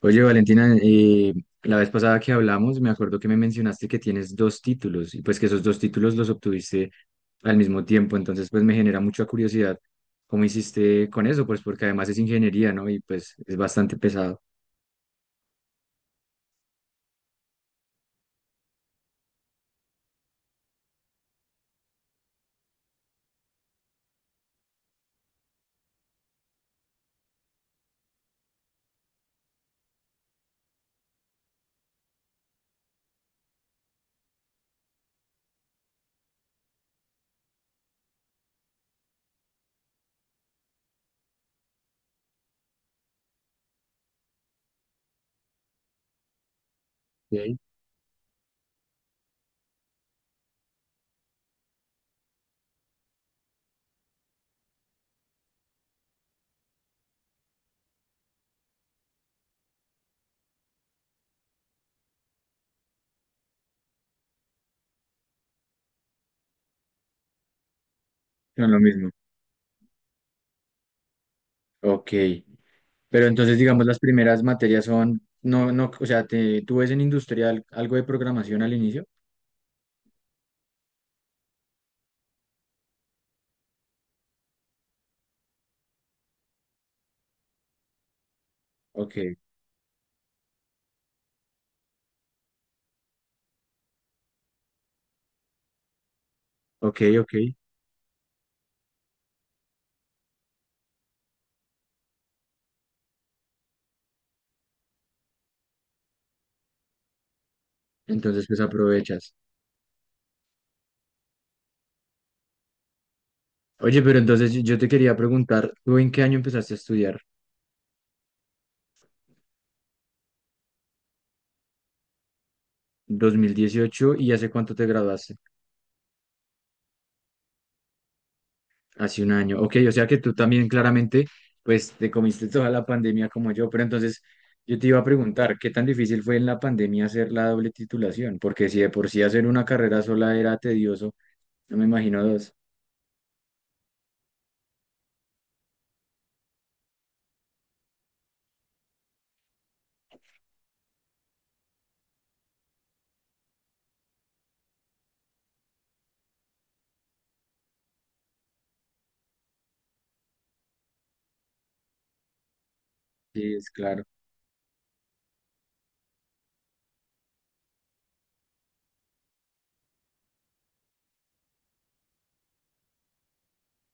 Oye, Valentina, la vez pasada que hablamos, me acuerdo que me mencionaste que tienes dos títulos y pues que esos dos títulos los obtuviste al mismo tiempo, entonces pues me genera mucha curiosidad cómo hiciste con eso, pues porque además es ingeniería, ¿no? Y pues es bastante pesado. Sí. Son lo mismo. Ok, pero entonces digamos las primeras materias son, no, no, o sea, ¿tú ves en industrial algo de programación al inicio? Ok, ok, ok, entonces pues aprovechas. Oye, pero entonces yo te quería preguntar, ¿tú en qué año empezaste a estudiar? 2018 y ¿hace cuánto te graduaste? Hace un año. Ok, o sea que tú también claramente, pues te comiste toda la pandemia como yo, pero entonces yo te iba a preguntar, ¿qué tan difícil fue en la pandemia hacer la doble titulación? Porque si de por sí hacer una carrera sola era tedioso, no me imagino dos. Sí, es claro.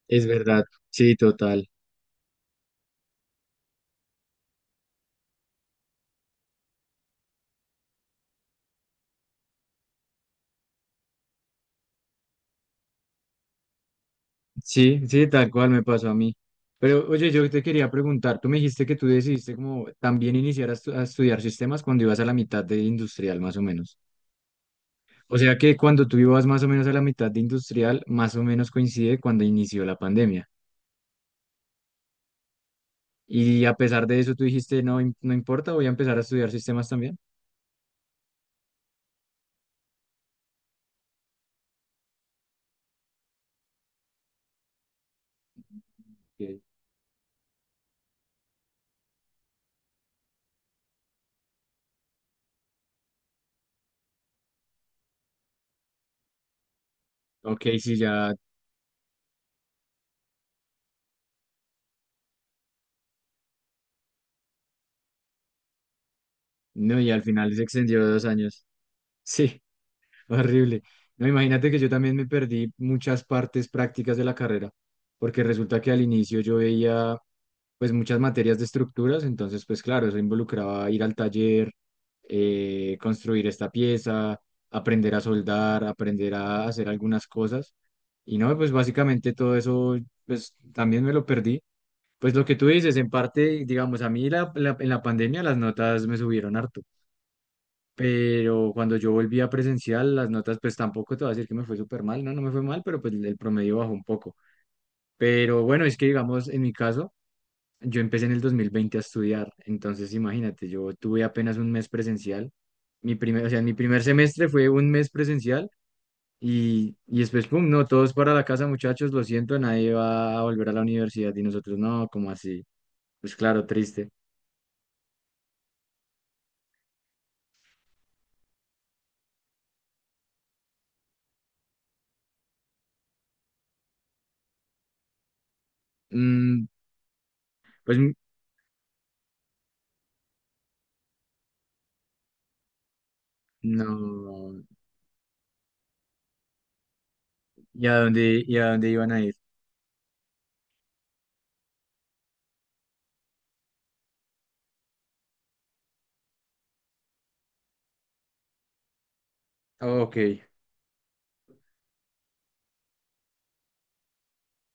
Es verdad, sí, total. Sí, sí, tal cual me pasó a mí. Pero oye, yo te quería preguntar, tú me dijiste que tú decidiste como también iniciar a, a estudiar sistemas cuando ibas a la mitad de industrial, más o menos. O sea que cuando tú ibas más o menos a la mitad de industrial, más o menos coincide cuando inició la pandemia. Y a pesar de eso, tú dijiste, no, no importa, voy a empezar a estudiar sistemas también. Ok, ok, sí, ya, no, y al final se extendió 2 años. Sí, horrible. No, imagínate que yo también me perdí muchas partes prácticas de la carrera, porque resulta que al inicio yo veía pues muchas materias de estructuras, entonces pues claro, eso involucraba ir al taller, construir esta pieza, aprender a soldar, aprender a hacer algunas cosas. Y no, pues básicamente todo eso, pues también me lo perdí. Pues lo que tú dices, en parte, digamos, a mí en la pandemia las notas me subieron harto, pero cuando yo volví a presencial, las notas, pues tampoco te voy a decir que me fue súper mal, no, no me fue mal, pero pues el promedio bajó un poco. Pero bueno, es que digamos, en mi caso, yo empecé en el 2020 a estudiar, entonces imagínate, yo tuve apenas un mes presencial. O sea, mi primer semestre fue un mes presencial y después, pum, no, todos para la casa, muchachos, lo siento, nadie va a volver a la universidad y nosotros no, como así? Pues claro, triste. Mm, pues no, y a dónde iban a ir? Ok,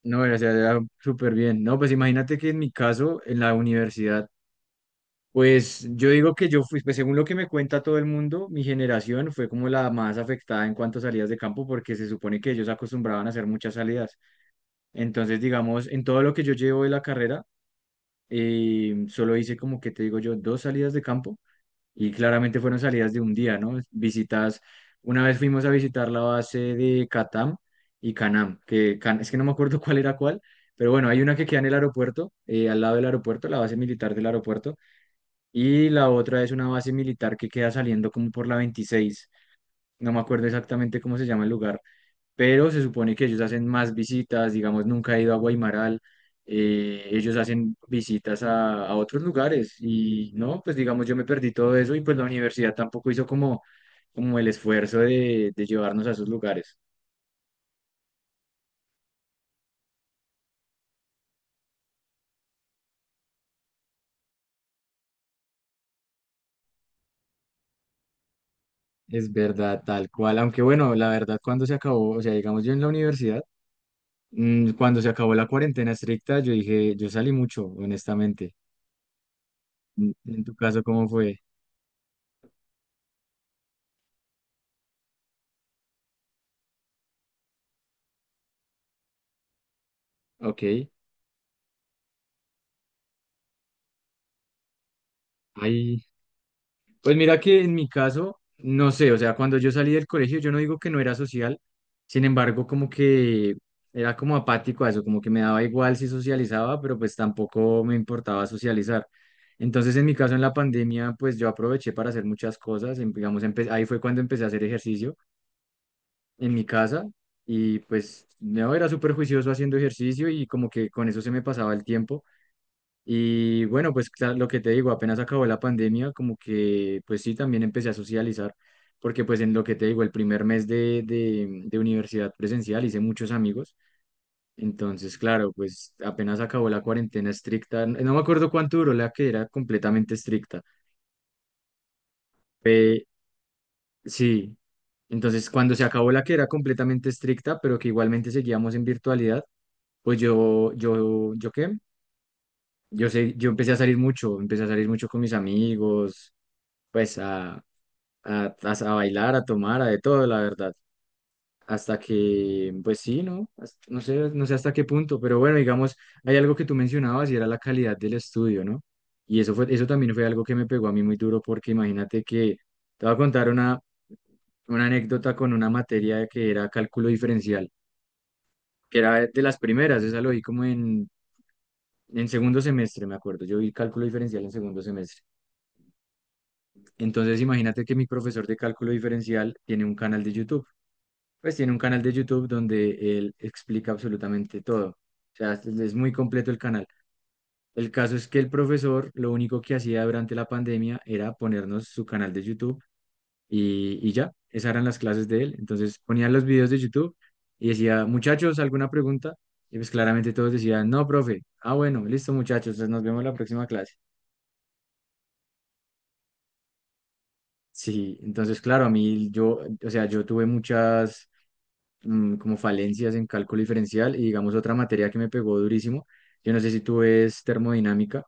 no, o sea, era súper bien. No, pues imagínate que en mi caso, en la universidad, pues yo digo que yo fui, pues según lo que me cuenta todo el mundo, mi generación fue como la más afectada en cuanto a salidas de campo porque se supone que ellos acostumbraban a hacer muchas salidas. Entonces, digamos, en todo lo que yo llevo de la carrera, solo hice como que te digo yo, dos salidas de campo y claramente fueron salidas de un día, ¿no? Visitas, una vez fuimos a visitar la base de Catam y Canam, que es que no me acuerdo cuál era cuál, pero bueno, hay una que queda en el aeropuerto, al lado del aeropuerto, la base militar del aeropuerto. Y la otra es una base militar que queda saliendo como por la 26. No me acuerdo exactamente cómo se llama el lugar, pero se supone que ellos hacen más visitas, digamos, nunca he ido a Guaymaral, ellos hacen visitas a otros lugares y no, pues digamos, yo me perdí todo eso y pues la universidad tampoco hizo como, como el esfuerzo de llevarnos a esos lugares. Es verdad, tal cual. Aunque bueno, la verdad, cuando se acabó, o sea, digamos yo en la universidad, cuando se acabó la cuarentena estricta, yo dije, yo salí mucho, honestamente. En tu caso, ¿cómo fue? Ok. Ahí. Pues mira que en mi caso, no sé, o sea, cuando yo salí del colegio, yo no digo que no era social, sin embargo, como que era como apático a eso, como que me daba igual si socializaba, pero pues tampoco me importaba socializar. Entonces, en mi caso, en la pandemia, pues yo aproveché para hacer muchas cosas, digamos, ahí fue cuando empecé a hacer ejercicio en mi casa y pues no era súper juicioso haciendo ejercicio y como que con eso se me pasaba el tiempo. Y bueno, pues lo que te digo, apenas acabó la pandemia, como que pues sí, también empecé a socializar, porque pues en lo que te digo, el primer mes de universidad presencial hice muchos amigos, entonces claro, pues apenas acabó la cuarentena estricta, no me acuerdo cuánto duró la que era completamente estricta, pe- sí, entonces cuando se acabó la que era completamente estricta, pero que igualmente seguíamos en virtualidad, pues ¿yo qué? Yo sé, yo empecé a salir mucho, empecé a salir mucho con mis amigos pues a bailar, a tomar, a de todo, la verdad. Hasta que, pues sí, ¿no? No sé, no sé hasta qué punto, pero bueno, digamos, hay algo que tú mencionabas y era la calidad del estudio, ¿no? Y eso fue, eso también fue algo que me pegó a mí muy duro porque imagínate que te voy a contar una anécdota con una materia que era cálculo diferencial, que era de las primeras, esa lo vi como en, segundo semestre, me acuerdo. Yo vi cálculo diferencial en segundo semestre. Entonces, imagínate que mi profesor de cálculo diferencial tiene un canal de YouTube. Pues tiene un canal de YouTube donde él explica absolutamente todo. O sea, es muy completo el canal. El caso es que el profesor lo único que hacía durante la pandemia era ponernos su canal de YouTube y ya, esas eran las clases de él. Entonces ponían los videos de YouTube y decía, muchachos, ¿alguna pregunta? Y pues claramente todos decían, no, profe. Ah, bueno, listo, muchachos, entonces nos vemos en la próxima clase. Sí, entonces claro, a mí yo, o sea, yo tuve muchas como falencias en cálculo diferencial y digamos otra materia que me pegó durísimo. Yo no sé si tú ves termodinámica,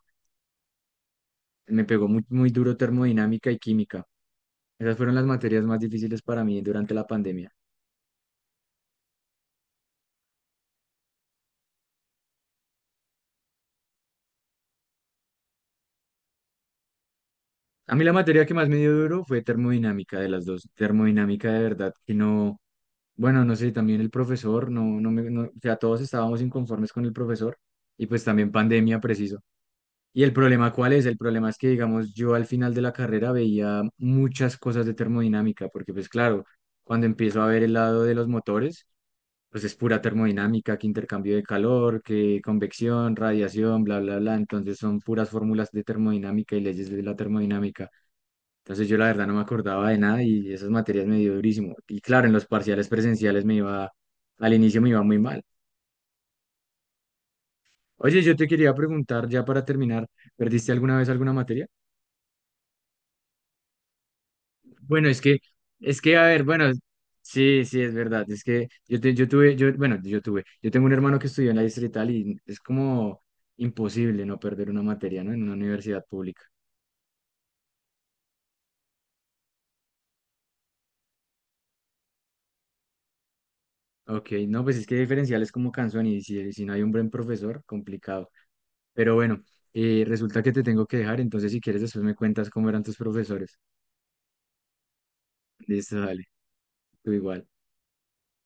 me pegó muy, muy duro termodinámica y química. Esas fueron las materias más difíciles para mí durante la pandemia. A mí la materia que más me dio duro fue termodinámica de las dos. Termodinámica de verdad que no, bueno, no sé, también el profesor, no, no me, no, o sea, todos estábamos inconformes con el profesor y pues también pandemia preciso. Y el problema, ¿cuál es? El problema es que, digamos, yo al final de la carrera veía muchas cosas de termodinámica, porque pues claro, cuando empiezo a ver el lado de los motores, pues es pura termodinámica, que intercambio de calor, que convección, radiación, bla, bla, bla. Entonces son puras fórmulas de termodinámica y leyes de la termodinámica. Entonces yo la verdad no me acordaba de nada y esas materias me dio durísimo. Y claro, en los parciales presenciales me iba, al inicio me iba muy mal. Oye, yo te quería preguntar ya para terminar, ¿perdiste alguna vez alguna materia? Bueno, es que, a ver, bueno, sí, sí, es verdad. Es que yo, bueno, yo tengo un hermano que estudió en la distrital y es como imposible no perder una materia, ¿no? En una universidad pública. Ok, no, pues es que diferencial es como canción y si no hay un buen profesor, complicado. Pero bueno, resulta que te tengo que dejar, entonces si quieres después me cuentas cómo eran tus profesores. Listo, dale, tú igual.